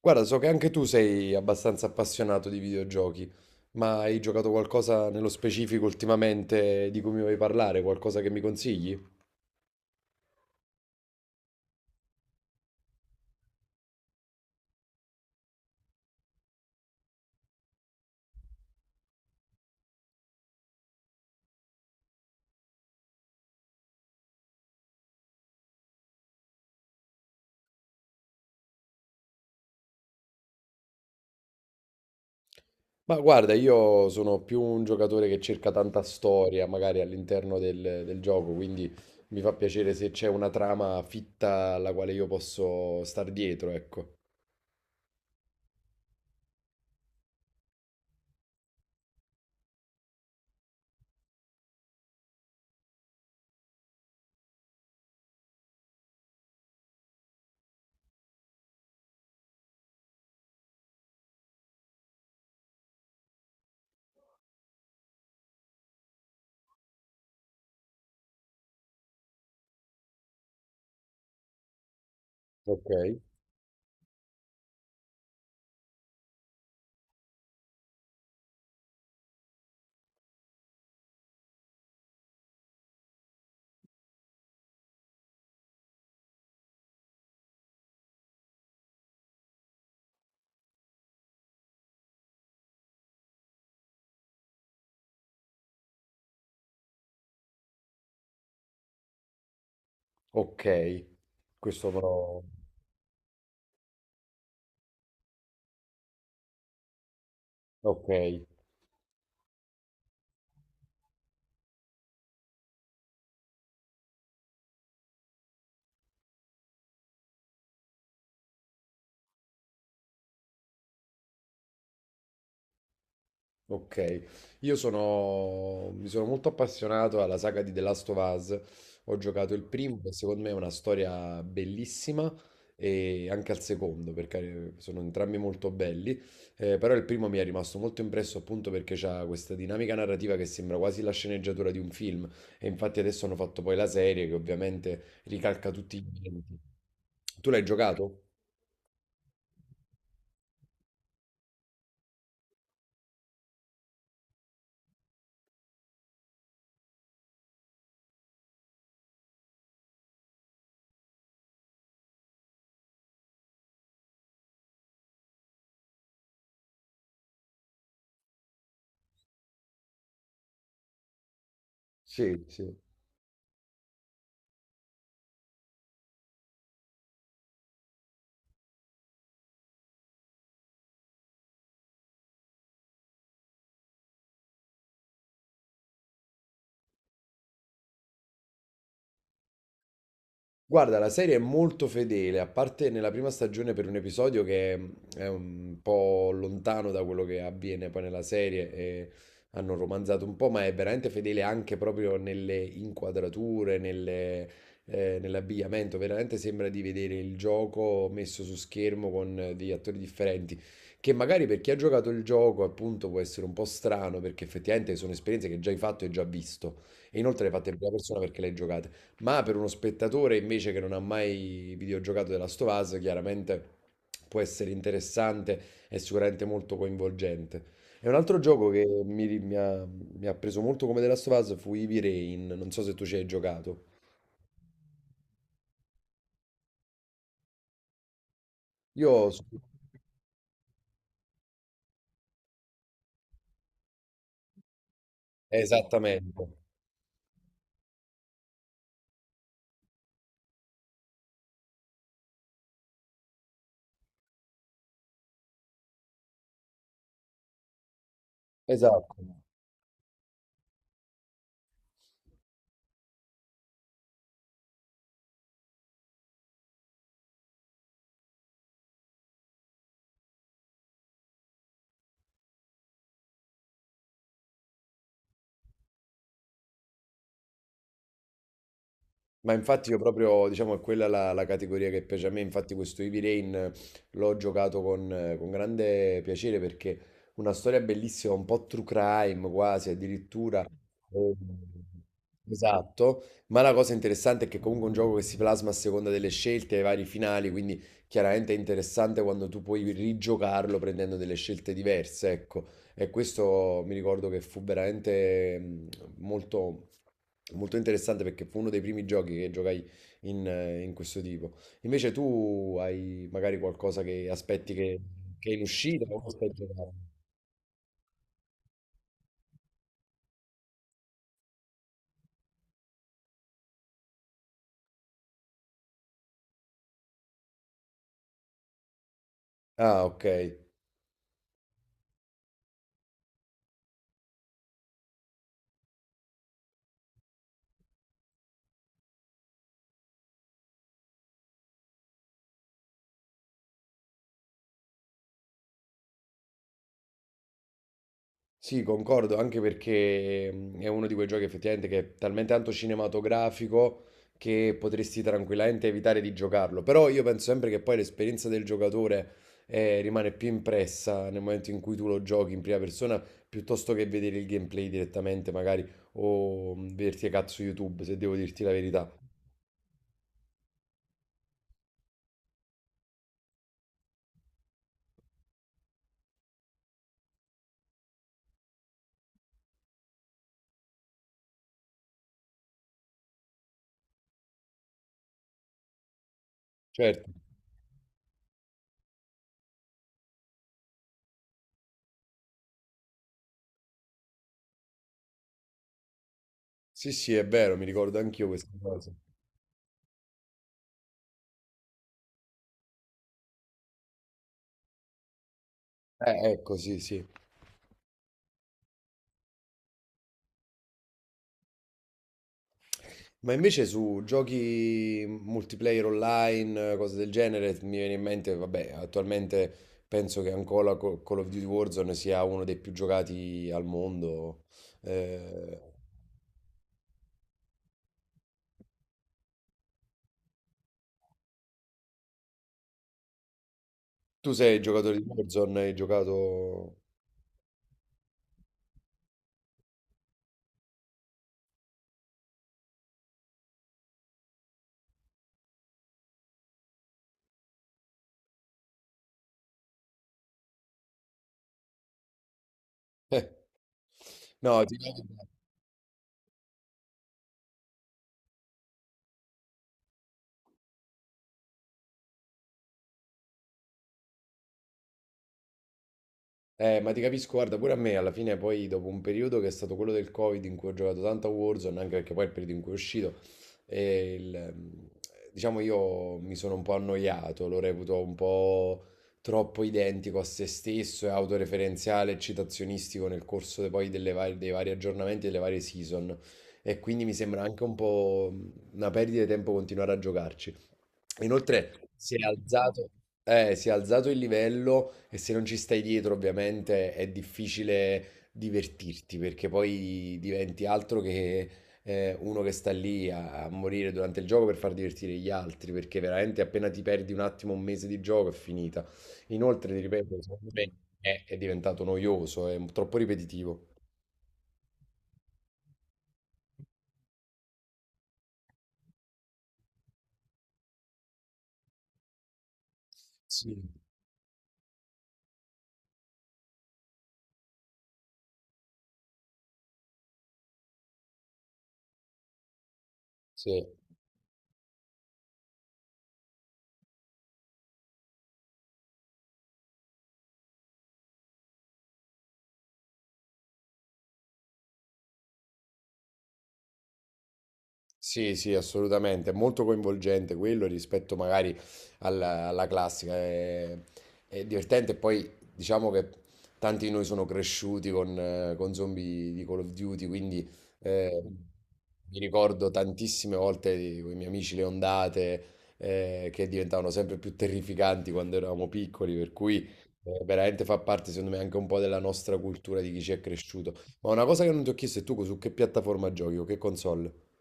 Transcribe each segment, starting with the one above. Guarda, so che anche tu sei abbastanza appassionato di videogiochi, ma hai giocato qualcosa nello specifico ultimamente di cui mi vuoi parlare? Qualcosa che mi consigli? Ma guarda, io sono più un giocatore che cerca tanta storia, magari all'interno del gioco, quindi mi fa piacere se c'è una trama fitta alla quale io posso star dietro, ecco. Ok. Ok, questo però... Ok. Ok, mi sono molto appassionato alla saga di The Last of Us. Ho giocato il primo, che secondo me è una storia bellissima, e anche al secondo, perché sono entrambi molto belli. Però il primo mi è rimasto molto impresso appunto perché c'ha questa dinamica narrativa che sembra quasi la sceneggiatura di un film. E infatti adesso hanno fatto poi la serie che ovviamente ricalca tutti gli elementi. Tu l'hai giocato? Sì, sì. Guarda, la serie è molto fedele, a parte nella prima stagione per un episodio che è un po' lontano da quello che avviene poi nella serie, e hanno romanzato un po', ma è veramente fedele anche proprio nelle inquadrature, nell'abbigliamento, veramente sembra di vedere il gioco messo su schermo con degli attori differenti, che magari per chi ha giocato il gioco appunto può essere un po' strano, perché effettivamente sono esperienze che già hai fatto e già visto, e inoltre le hai fatte in prima persona perché le hai giocate. Ma per uno spettatore invece che non ha mai videogiocato The Last of Us, chiaramente può essere interessante e sicuramente molto coinvolgente. E un altro gioco che mi ha preso molto come The Last of Us fu Heavy Rain, non so se tu ci hai giocato. Io... Esattamente, esatto. Ma infatti io proprio, diciamo, è quella la categoria che piace a me, infatti questo Heavy Rain l'ho giocato con grande piacere perché una storia bellissima, un po' true crime quasi, addirittura. Esatto, ma la cosa interessante è che comunque è un gioco che si plasma a seconda delle scelte, ai vari finali, quindi chiaramente è interessante quando tu puoi rigiocarlo prendendo delle scelte diverse, ecco. E questo mi ricordo che fu veramente molto, molto interessante perché fu uno dei primi giochi che giocai in questo tipo. Invece tu hai magari qualcosa che che è in uscita o cosa stai giocando? Ah, ok. Sì, concordo, anche perché è uno di quei giochi effettivamente che è talmente tanto cinematografico che potresti tranquillamente evitare di giocarlo. Però io penso sempre che poi l'esperienza del giocatore rimane più impressa nel momento in cui tu lo giochi in prima persona, piuttosto che vedere il gameplay direttamente, magari, o vederti a cazzo YouTube, se devo dirti la verità. Certo, sì, sì, è vero, mi ricordo anch'io questa cosa. Ecco, sì, sì. Ma invece su giochi multiplayer online, cose del genere, mi viene in mente, vabbè, attualmente penso che ancora Call of Duty Warzone sia uno dei più giocati al mondo. Eh, Tu sei giocatore di Warzone, hai giocato... Eh, no, ti... Ma ti capisco, guarda, pure a me alla fine poi dopo un periodo che è stato quello del Covid in cui ho giocato tanto a Warzone, anche perché poi è il periodo in cui è uscito, e diciamo io mi sono un po' annoiato, lo reputo un po' troppo identico a se stesso e autoreferenziale e citazionistico nel corso poi dei vari aggiornamenti e delle varie season, e quindi mi sembra anche un po' una perdita di tempo continuare a giocarci. Inoltre si è alzato, Si è alzato il livello e se non ci stai dietro, ovviamente è difficile divertirti perché poi diventi altro che uno che sta a morire durante il gioco per far divertire gli altri, perché veramente appena ti perdi un attimo, un mese di gioco è finita. Inoltre, ti ripeto, secondo me è diventato noioso, è troppo ripetitivo. Sì, sì. Sì, sì, assolutamente, è molto coinvolgente quello rispetto magari alla classica, è divertente e poi diciamo che tanti di noi sono cresciuti con zombie di Call of Duty, quindi eh, mi ricordo tantissime volte con i miei amici le ondate che diventavano sempre più terrificanti quando eravamo piccoli, per cui veramente fa parte secondo me anche un po' della nostra cultura di chi ci è cresciuto. Ma una cosa che non ti ho chiesto è tu su che piattaforma giochi o che console?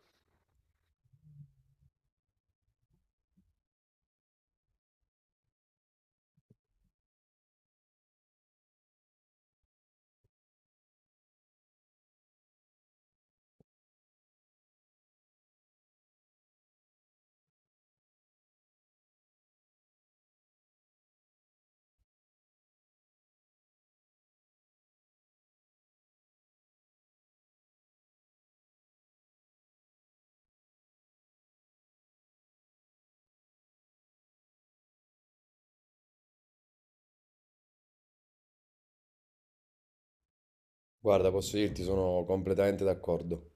Guarda, posso dirti, sono completamente d'accordo.